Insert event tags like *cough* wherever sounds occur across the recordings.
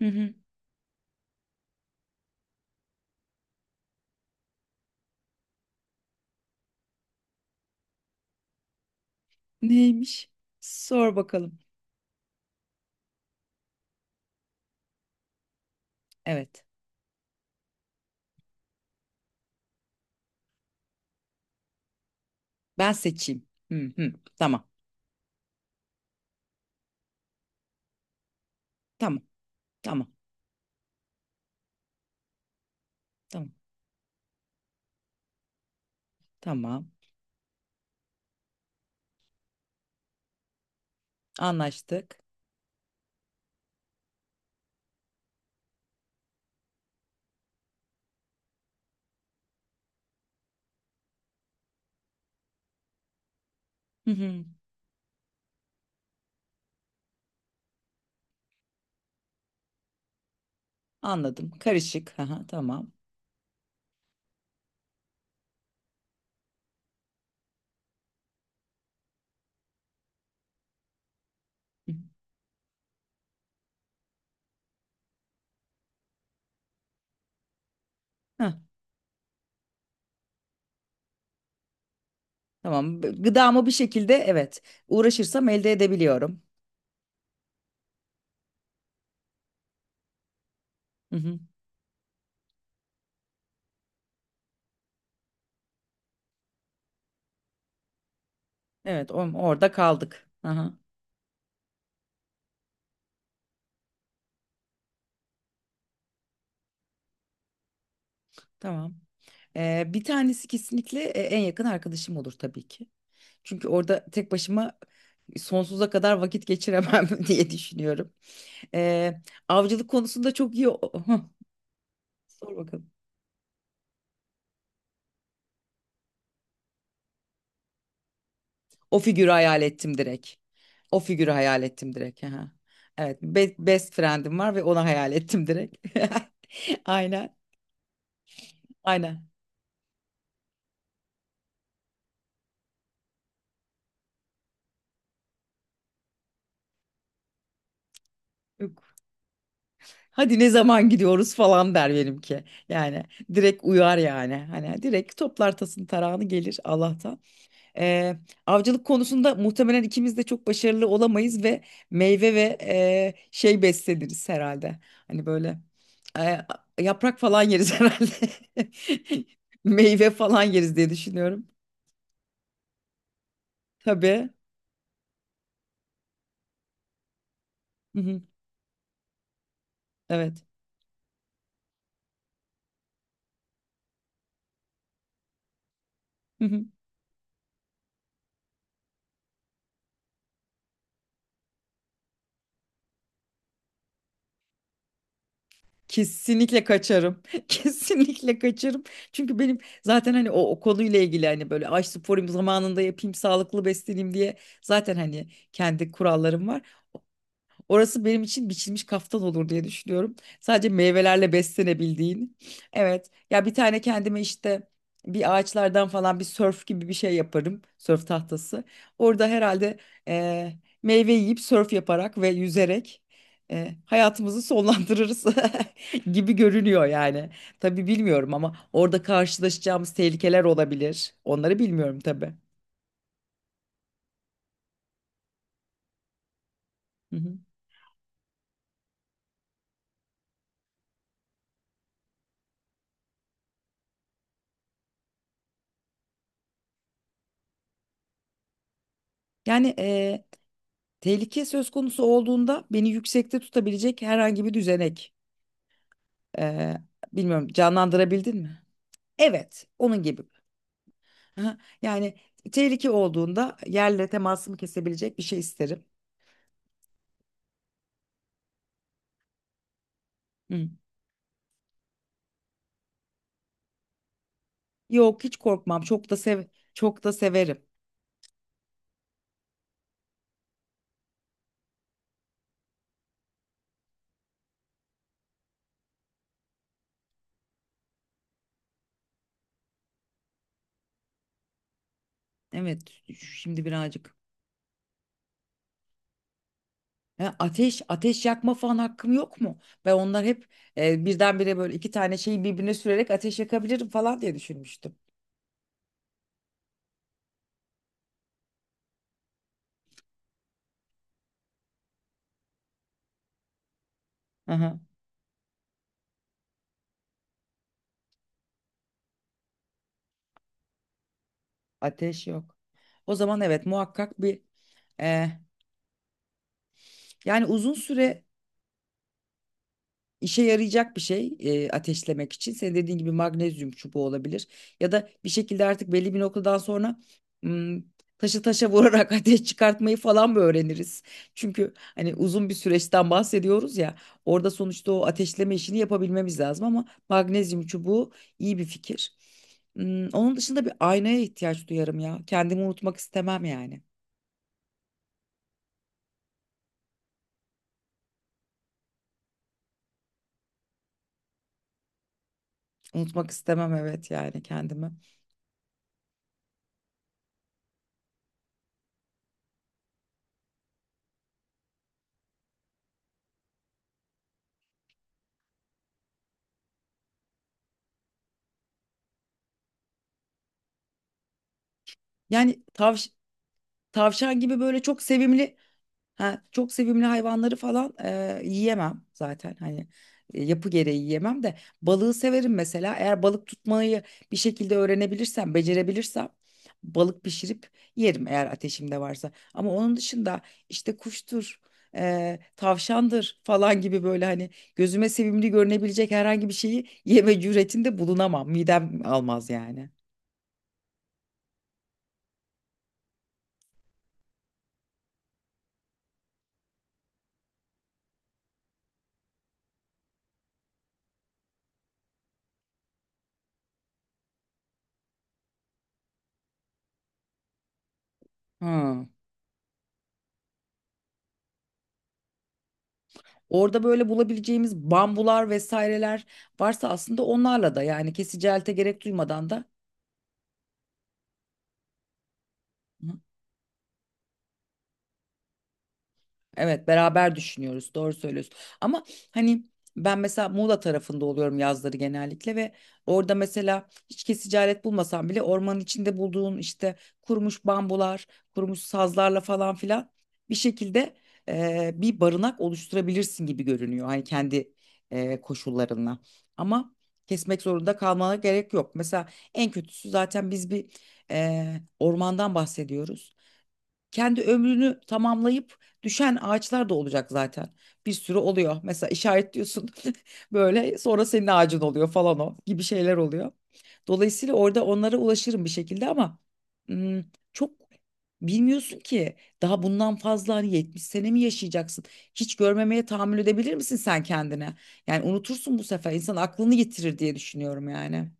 Hı hı. Neymiş? Sor bakalım. Evet. Ben seçeyim. Hı hı. Tamam. Tamam. Tamam. Tamam. Tamam. Anlaştık. Hı hı. Anladım. Karışık. Aha, tamam. Hı hı. Hah, tamam. Gıdamı bir şekilde, evet, uğraşırsam elde edebiliyorum. Hı hı. Evet, orada kaldık. Hı hı, tamam. Bir tanesi kesinlikle, en yakın arkadaşım olur tabii ki. Çünkü orada tek başıma, sonsuza kadar vakit geçiremem *laughs* diye düşünüyorum. Ee, Avcılık konusunda çok iyi. *laughs* Sor bakalım. O figürü hayal ettim direkt. O figürü hayal ettim direkt. Aha. Evet, best friend'im var ve onu hayal ettim direkt. *laughs* Aynen, aynen. Yok. Hadi ne zaman gidiyoruz falan, der benimki. Yani direkt uyar yani. Hani direkt toplar tasın tarağını, gelir Allah'tan. Eee, Avcılık konusunda muhtemelen ikimiz de çok başarılı olamayız ve meyve ve şey besleniriz herhalde. Hani böyle, eee, yaprak falan yeriz *laughs* herhalde. Meyve falan yeriz diye düşünüyorum. Tabii. Hı hı, evet. Hı hı. Kesinlikle kaçarım. *laughs* Kesinlikle kaçarım. Çünkü benim zaten hani o, o konuyla ilgili hani böyle ay sporayım zamanında yapayım sağlıklı besleneyim diye zaten hani kendi kurallarım var. Orası benim için biçilmiş kaftan olur diye düşünüyorum. Sadece meyvelerle beslenebildiğin. Evet. Ya bir tane kendime işte bir ağaçlardan falan bir sörf gibi bir şey yaparım. Sörf tahtası. Orada herhalde, e, meyve yiyip sörf yaparak ve yüzerek, hayatımızı sonlandırırız *laughs* gibi görünüyor yani. Tabii bilmiyorum ama orada karşılaşacağımız tehlikeler olabilir. Onları bilmiyorum tabii. Hı hı. Yani tehlike söz konusu olduğunda beni yüksekte tutabilecek herhangi bir düzenek. Ee, Bilmiyorum, canlandırabildin mi? Evet, onun gibi. Aha. Yani tehlike olduğunda yerle temasımı kesebilecek bir şey isterim. Hı. Yok, hiç korkmam. Çok da severim. Evet, şimdi birazcık. Ha, ateş yakma falan hakkım yok mu? Ben onlar hep, birdenbire böyle iki tane şeyi birbirine sürerek ateş yakabilirim falan diye düşünmüştüm. Aha, ateş yok. O zaman evet, muhakkak bir, eh, yani uzun süre işe yarayacak bir şey, ateşlemek için. Senin dediğin gibi magnezyum çubuğu olabilir. Ya da bir şekilde artık belli bir noktadan sonra, hmm, taşı taşa vurarak *laughs* ateş çıkartmayı falan mı öğreniriz? Çünkü hani uzun bir süreçten bahsediyoruz ya. Orada sonuçta o ateşleme işini yapabilmemiz lazım ama magnezyum çubuğu iyi bir fikir. Onun dışında bir aynaya ihtiyaç duyarım ya. Kendimi unutmak istemem yani. Unutmak istemem, evet, yani kendimi. Yani tavş Tavşan gibi böyle çok sevimli, ha, çok sevimli hayvanları falan, yiyemem zaten hani, yapı gereği yiyemem de balığı severim mesela. Eğer balık tutmayı bir şekilde öğrenebilirsem, becerebilirsem, balık pişirip yerim eğer ateşimde varsa, ama onun dışında işte kuştur, tavşandır falan gibi, böyle hani gözüme sevimli görünebilecek herhangi bir şeyi yeme cüretinde bulunamam, midem almaz yani. Ha. Orada böyle bulabileceğimiz bambular vesaireler varsa aslında onlarla da, yani kesici elte gerek duymadan da. Evet, beraber düşünüyoruz, doğru söylüyorsun ama hani ben mesela Muğla tarafında oluyorum yazları genellikle ve orada mesela hiç kesici alet bulmasam bile ormanın içinde bulduğun işte kurumuş bambular, kurumuş sazlarla falan filan bir şekilde, bir barınak oluşturabilirsin gibi görünüyor hani kendi, koşullarınla, ama kesmek zorunda kalmana gerek yok mesela. En kötüsü zaten biz bir, ormandan bahsediyoruz, kendi ömrünü tamamlayıp düşen ağaçlar da olacak zaten. Bir sürü oluyor. Mesela işaretliyorsun *laughs* böyle, sonra senin ağacın oluyor falan, o gibi şeyler oluyor. Dolayısıyla orada onlara ulaşırım bir şekilde ama, hmm, çok bilmiyorsun ki. Daha bundan fazla, hani, 70 sene mi yaşayacaksın? Hiç görmemeye tahammül edebilir misin sen kendine? Yani unutursun, bu sefer insan aklını yitirir diye düşünüyorum yani.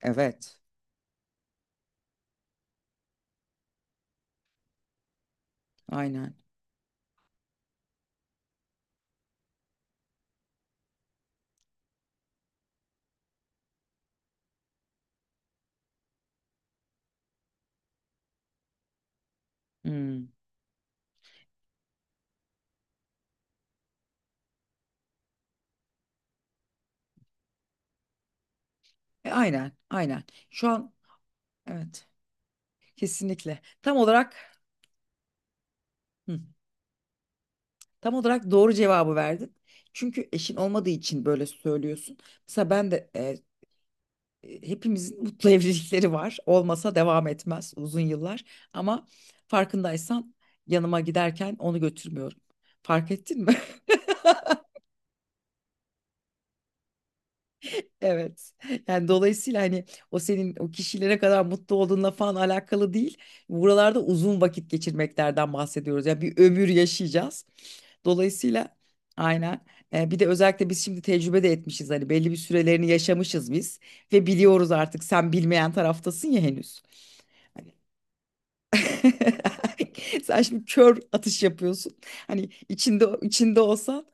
Evet, aynen. Hmm. Aynen, aynen. Şu an evet. Kesinlikle. Tam olarak, hı, tam olarak doğru cevabı verdin. Çünkü eşin olmadığı için böyle söylüyorsun. Mesela ben de, hepimizin *laughs* mutlu evlilikleri var. Olmasa devam etmez uzun yıllar. Ama farkındaysan, yanıma giderken onu götürmüyorum. Fark ettin mi? *laughs* Evet. Yani dolayısıyla hani o, senin o kişilere kadar mutlu olduğunla falan alakalı değil. Buralarda uzun vakit geçirmeklerden bahsediyoruz. Ya bir ömür yaşayacağız. Dolayısıyla aynen. Bir de özellikle biz şimdi tecrübe de etmişiz. Hani belli bir sürelerini yaşamışız biz ve biliyoruz artık, sen bilmeyen taraftasın ya henüz. Hani *laughs* sen şimdi kör atış yapıyorsun. Hani içinde olsan.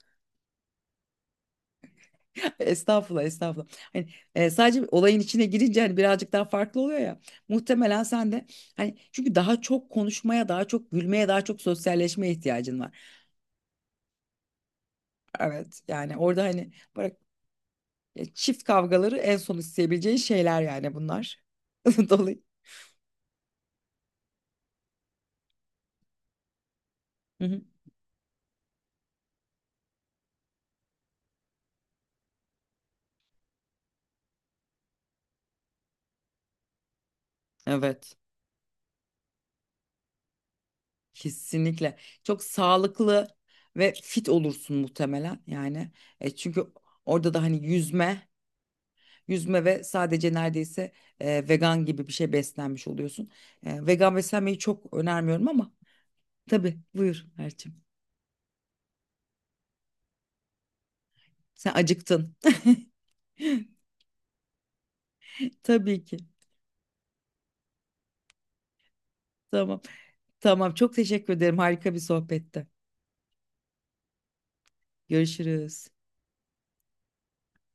Estağfurullah, estağfurullah. Hani, sadece olayın içine girince hani birazcık daha farklı oluyor ya. Muhtemelen sen de, hani, çünkü daha çok konuşmaya, daha çok gülmeye, daha çok sosyalleşmeye ihtiyacın var. Evet, yani orada hani bırak, çift kavgaları en son isteyebileceğin şeyler, yani bunlar. *laughs* Dolayı. Hı hı. Evet, kesinlikle. Çok sağlıklı ve fit olursun muhtemelen yani. Çünkü orada da hani yüzme ve sadece neredeyse, vegan gibi bir şey beslenmiş oluyorsun. Vegan beslenmeyi çok önermiyorum ama tabii, buyur Erçim. Sen acıktın. *laughs* Tabii ki. Tamam. Tamam. Çok teşekkür ederim. Harika bir sohbette. Görüşürüz.